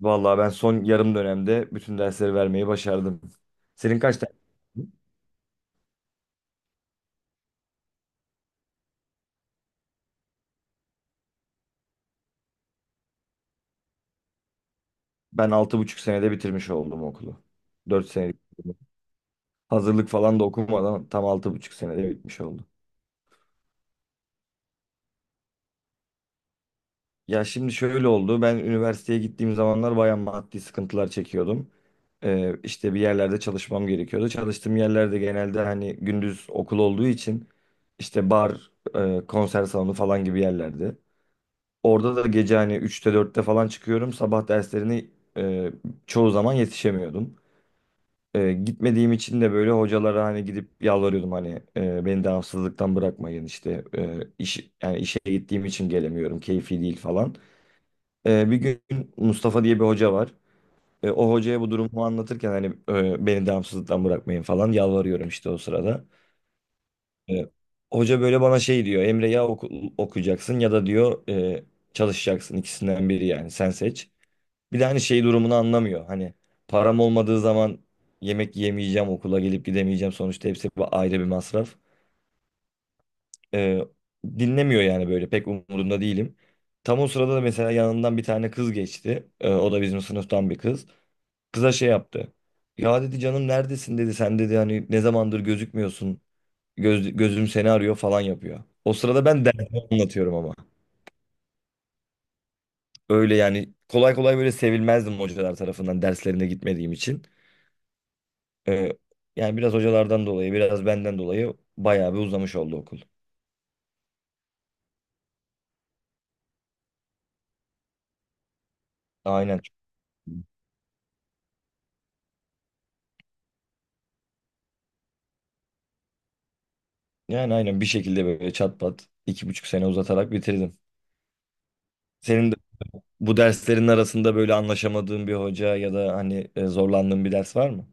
Vallahi ben son yarım dönemde bütün dersleri vermeyi başardım. Senin kaç tane? Ben 6,5 senede bitirmiş oldum okulu. 4 senelik. Hazırlık falan da okumadan tam 6,5 senede bitmiş oldu. Ya şimdi şöyle oldu. Ben üniversiteye gittiğim zamanlar bayağı maddi sıkıntılar çekiyordum. İşte bir yerlerde çalışmam gerekiyordu. Çalıştığım yerlerde genelde hani gündüz okul olduğu için işte bar, konser salonu falan gibi yerlerde. Orada da gece hani üçte dörtte falan çıkıyorum. Sabah derslerini e, çoğu zaman yetişemiyordum. Gitmediğim için de böyle hocalara hani gidip yalvarıyordum hani beni devamsızlıktan bırakmayın işte yani işe gittiğim için gelemiyorum keyfi değil falan. Bir gün Mustafa diye bir hoca var. O hocaya bu durumu anlatırken hani beni devamsızlıktan bırakmayın falan yalvarıyorum işte o sırada. E, hoca böyle bana şey diyor, Emre ya okuyacaksın ya da diyor çalışacaksın, ikisinden biri, yani sen seç. Bir de hani şey durumunu anlamıyor. Hani param olmadığı zaman yemek yemeyeceğim, okula gelip gidemeyeceğim. Sonuçta hepsi bu ayrı bir masraf. Ee, dinlemiyor yani, böyle pek umurunda değilim. Tam o sırada da mesela yanından bir tane kız geçti. O da bizim sınıftan bir kız. Kıza şey yaptı. Ya dedi canım neredesin dedi. Sen dedi hani ne zamandır gözükmüyorsun. Gözüm seni arıyor falan yapıyor. O sırada ben dersimi anlatıyorum ama. Öyle yani, kolay kolay böyle sevilmezdim hocalar tarafından, derslerine gitmediğim için. Ee, yani biraz hocalardan dolayı, biraz benden dolayı bayağı bir uzamış oldu okul. Aynen. Yani aynen bir şekilde böyle çat pat 2,5 sene uzatarak bitirdim. Senin de bu derslerin arasında böyle anlaşamadığın bir hoca ya da hani zorlandığın bir ders var mı?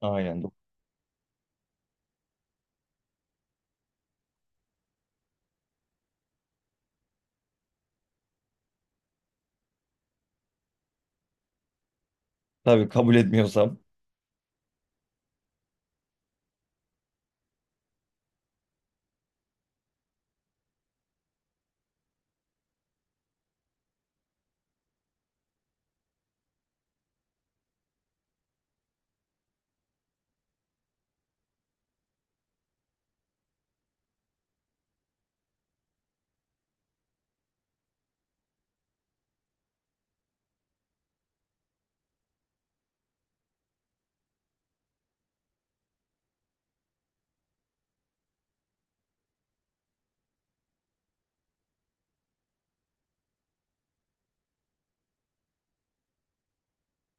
Aynen. Tabii, kabul etmiyorsam.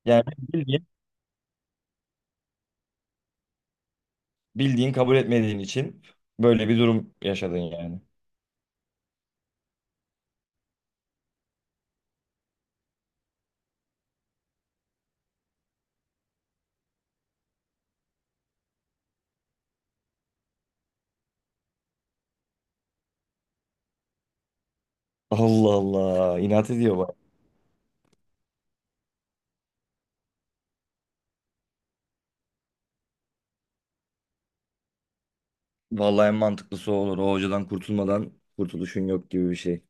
Yani bildiğin kabul etmediğin için böyle bir durum yaşadın yani. Allah Allah, inat ediyor bak. Vallahi en mantıklısı o olur. O hocadan kurtulmadan kurtuluşun yok gibi bir şey.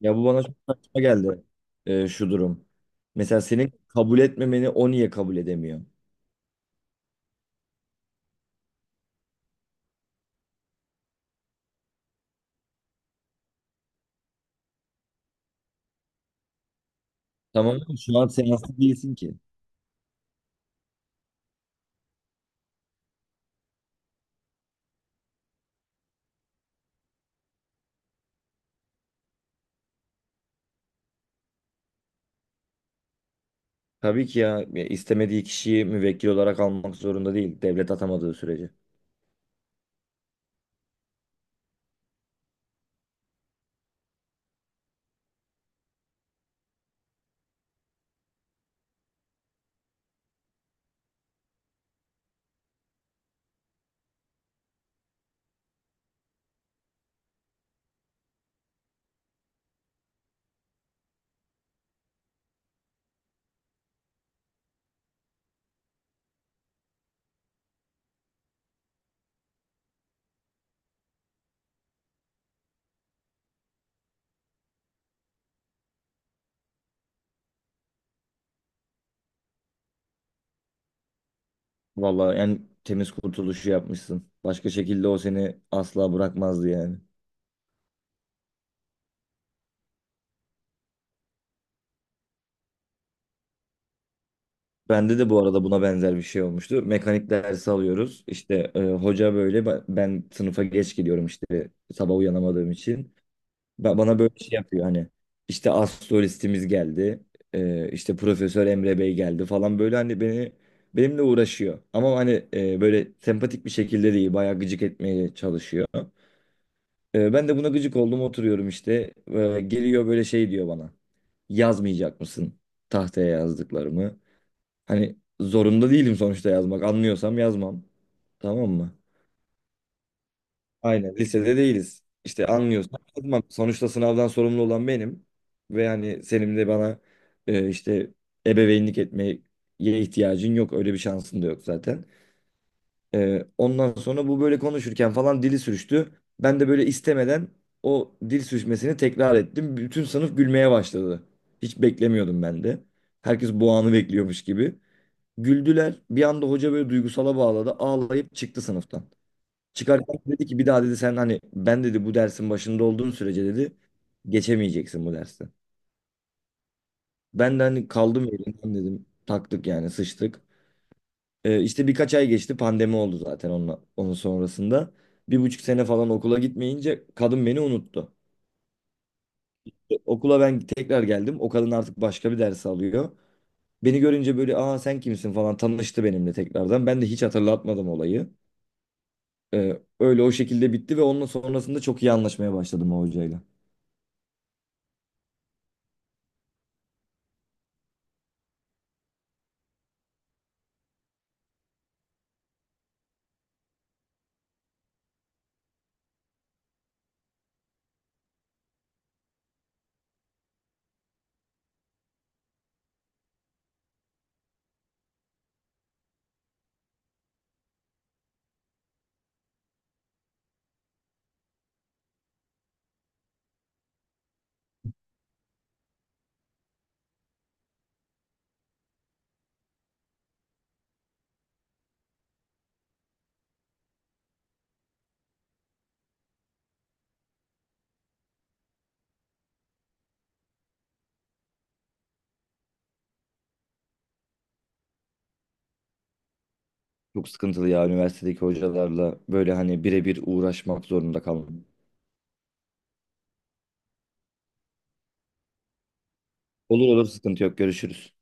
Ya bu bana çok saçma geldi şu durum. Mesela senin kabul etmemeni o niye kabul edemiyor? Tamam mı? Şu an seanslı değilsin ki. Tabii ki ya, ya istemediği kişiyi müvekkil olarak almak zorunda değil. Devlet atamadığı sürece. Vallahi yani temiz kurtuluşu yapmışsın. Başka şekilde o seni asla bırakmazdı yani. Bende de bu arada buna benzer bir şey olmuştu. Mekanik dersi alıyoruz. İşte hoca böyle, ben sınıfa geç gidiyorum işte, sabah uyanamadığım için. Bana böyle şey yapıyor hani, işte astrolistimiz geldi, işte Profesör Emre Bey geldi falan böyle, hani benimle uğraşıyor. Ama hani böyle sempatik bir şekilde değil, bayağı gıcık etmeye çalışıyor. Ben de buna gıcık oldum, oturuyorum işte. Geliyor böyle şey diyor bana, yazmayacak mısın tahtaya yazdıklarımı? Hani zorunda değilim sonuçta yazmak, anlıyorsam yazmam, tamam mı? Aynen, lisede değiliz. İşte anlıyorsan kızmam. Sonuçta sınavdan sorumlu olan benim. Ve hani senin de bana e, işte ebeveynlik etmeye ihtiyacın yok. Öyle bir şansın da yok zaten. Ondan sonra bu böyle konuşurken falan dili sürçtü. Ben de böyle istemeden o dil sürçmesini tekrar ettim. Bütün sınıf gülmeye başladı. Hiç beklemiyordum ben de. Herkes bu anı bekliyormuş gibi. Güldüler. Bir anda hoca böyle duygusala bağladı. Ağlayıp çıktı sınıftan. Çıkarken dedi ki, bir daha dedi sen, hani ben dedi bu dersin başında olduğun sürece dedi geçemeyeceksin bu dersi. Ben de hani kaldım yerimden, dedim taktık yani, sıçtık. İşte birkaç ay geçti, pandemi oldu zaten onunla, onun sonrasında. 1,5 sene falan okula gitmeyince kadın beni unuttu. Okula ben tekrar geldim, o kadın artık başka bir ders alıyor. Beni görünce böyle, aa sen kimsin falan, tanıştı benimle tekrardan. Ben de hiç hatırlatmadım olayı. Öyle o şekilde bitti ve onun sonrasında çok iyi anlaşmaya başladım o hocayla. Çok sıkıntılı ya üniversitedeki hocalarla böyle hani birebir uğraşmak zorunda kalmak. Olur olur, sıkıntı yok, görüşürüz.